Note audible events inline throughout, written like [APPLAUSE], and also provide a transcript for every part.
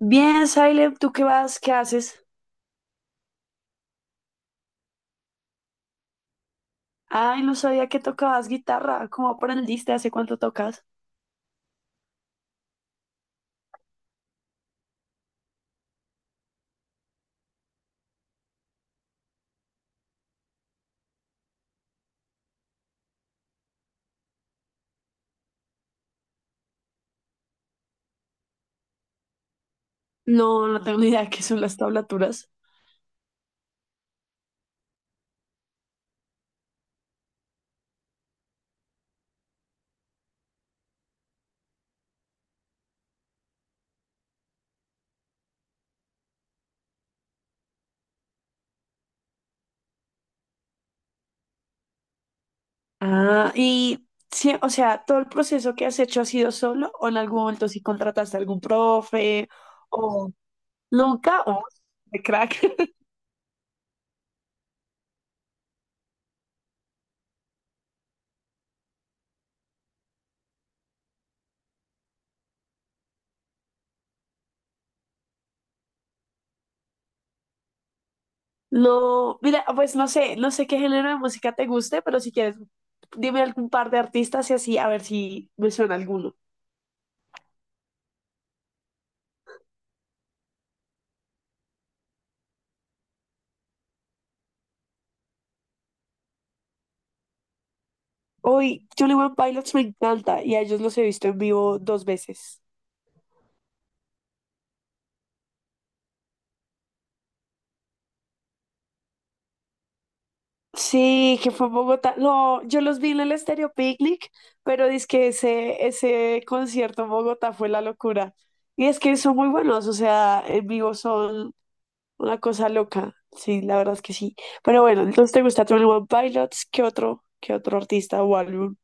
Bien, Silent, ¿tú qué vas? ¿Qué haces? Ay, no sabía que tocabas guitarra. ¿Cómo aprendiste? ¿Hace cuánto tocas? No, no tengo ni idea de qué son las tablaturas. Ah, y sí, o sea, ¿todo el proceso que has hecho ha sido solo o en algún momento sí contrataste a algún profe o nunca o de crack? [LAUGHS] No, mira, pues no sé, no sé qué género de música te guste, pero si quieres, dime algún par de artistas y así a ver si me suena alguno. Hoy, Johnny One Pilots me encanta y a ellos los he visto en vivo dos veces. Sí, que fue en Bogotá. No, yo los vi en el Estéreo Picnic, pero es que ese concierto en Bogotá fue la locura. Y es que son muy buenos, o sea, en vivo son una cosa loca. Sí, la verdad es que sí. Pero bueno, entonces te gusta Twenty One Pilots, ¿qué otro artista o álbum?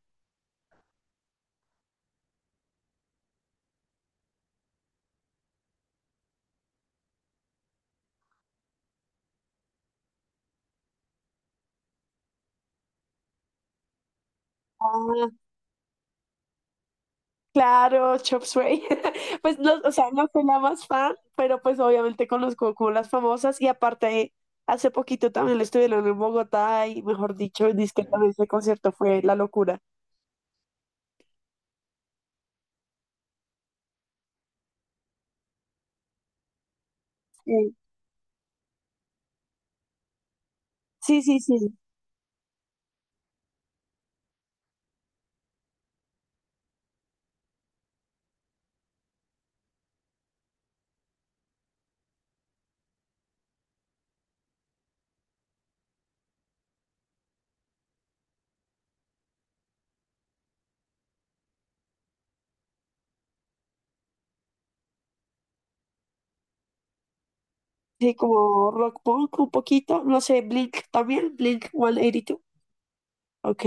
Ah, claro, Chop Suey. [LAUGHS] Pues no, o sea, no soy la más fan, pero pues obviamente conozco como las famosas y aparte hace poquito también lo estuvieron en Bogotá y mejor dicho, dice que también ese concierto fue la locura. Sí, sí, sí, sí, sí, como rock punk un poquito, no sé, Blink también, Blink 182. Ok.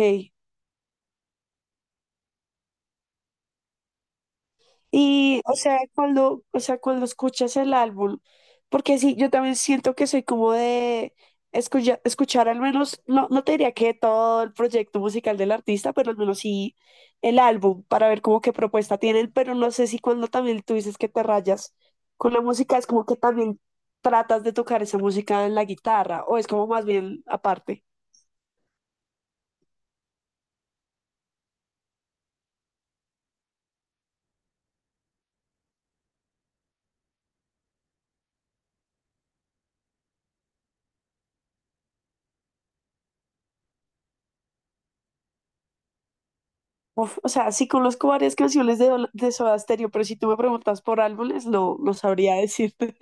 Y, o sea, cuando escuchas el álbum, porque sí, yo también siento que soy como de escuchar al menos, no, no te diría que todo el proyecto musical del artista, pero al menos sí el álbum para ver como qué propuesta tienen, pero no sé si cuando también tú dices que te rayas con la música es como que también tratas de tocar esa música en la guitarra o es como más bien aparte. Uf, o sea, sí conozco varias canciones de, de Soda Stereo, pero si tú me preguntas por álbumes, no, no sabría [LAUGHS] decirte.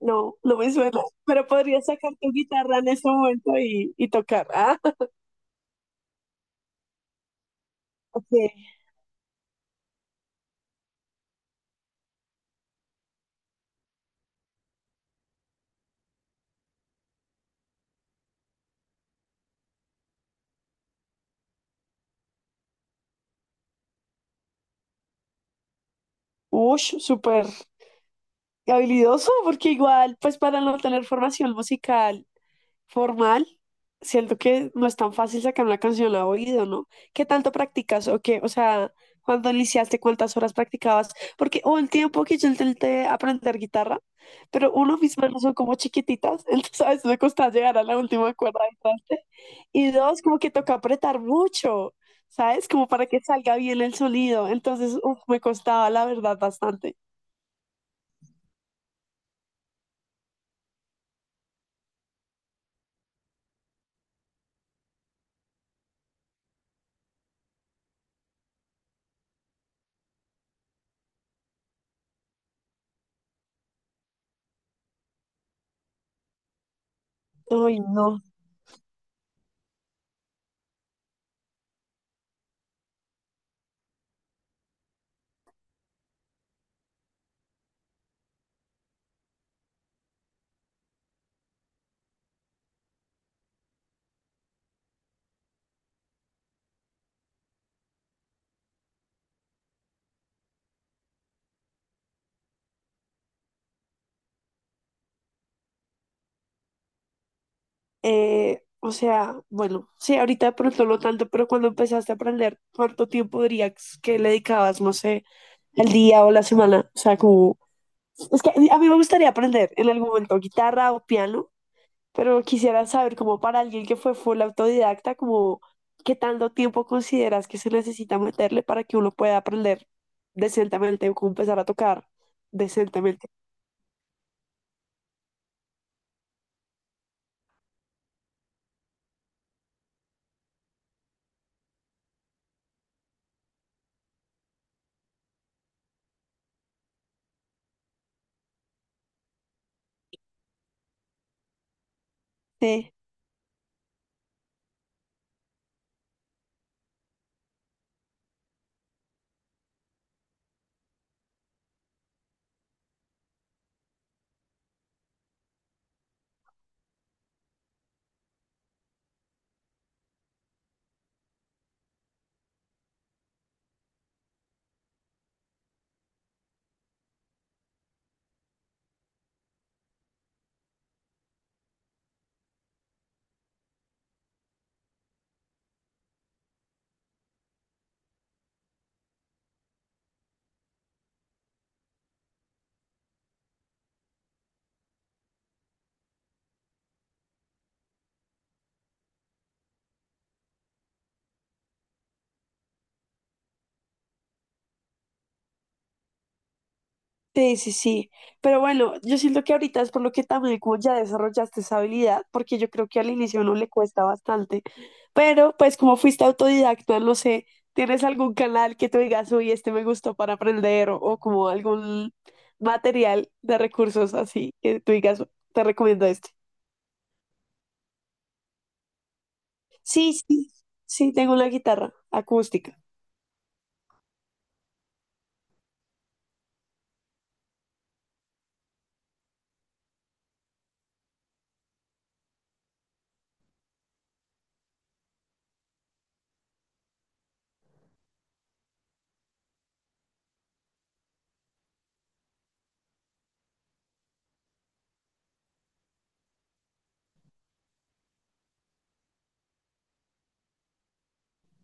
No, no me suena, pero podrías sacar tu guitarra en este momento y tocar. Ah, ok. Ush, súper habilidoso, porque igual, pues para no tener formación musical, formal, siento que no es tan fácil sacar una canción a oído, ¿no? ¿Qué tanto practicas o qué? O sea, cuando iniciaste, ¿cuántas horas practicabas? Porque hubo el tiempo que yo intenté aprender guitarra, pero uno, mis manos son como chiquititas, [LAUGHS] entonces a veces me costaba llegar a la última cuerda del traste. Y dos, como que toca apretar mucho, ¿sabes? Como para que salga bien el sonido. Entonces, uf, me costaba, la verdad, bastante. Ay, no. O sea, bueno, sí, ahorita de pronto no tanto, pero cuando empezaste a aprender, ¿cuánto tiempo dirías que le dedicabas, no sé, el día o la semana? O sea, como, es que a mí me gustaría aprender en algún momento guitarra o piano, pero quisiera saber, como para alguien que fue full autodidacta, como, ¿qué tanto tiempo consideras que se necesita meterle para que uno pueda aprender decentemente o como empezar a tocar decentemente? Sí, sí, sí. Pero bueno, yo siento que ahorita es por lo que también como ya desarrollaste esa habilidad, porque yo creo que al inicio no le cuesta bastante. Pero pues como fuiste autodidacta, no sé, ¿tienes algún canal que tú digas, uy, este me gustó para aprender o como algún material de recursos así que tú digas, te recomiendo este? Sí, sí, sí, tengo una guitarra acústica.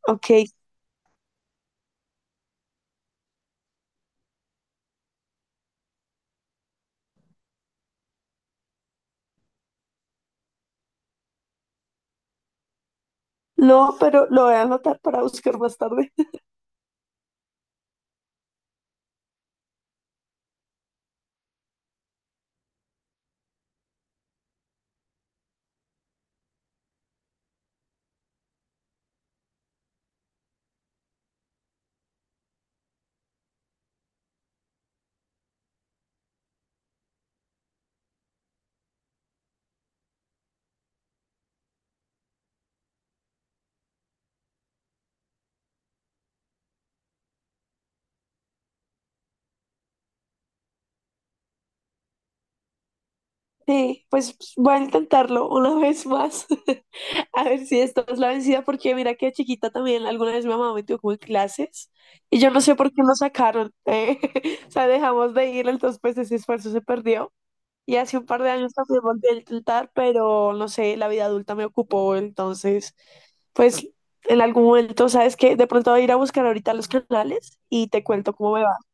Ok. No, pero lo voy a anotar para buscar más tarde. [LAUGHS] Sí, pues voy a intentarlo una vez más. [LAUGHS] A ver si esta es la vencida, porque mira que de chiquita también alguna vez mi mamá me tuvo como en clases y yo no sé por qué nos sacaron. [LAUGHS] O sea, dejamos de ir, entonces pues ese esfuerzo se perdió. Y hace un par de años también volví a intentar, pero no sé, la vida adulta me ocupó, entonces pues en algún momento, ¿sabes qué? De pronto voy a ir a buscar ahorita los canales y te cuento cómo me va.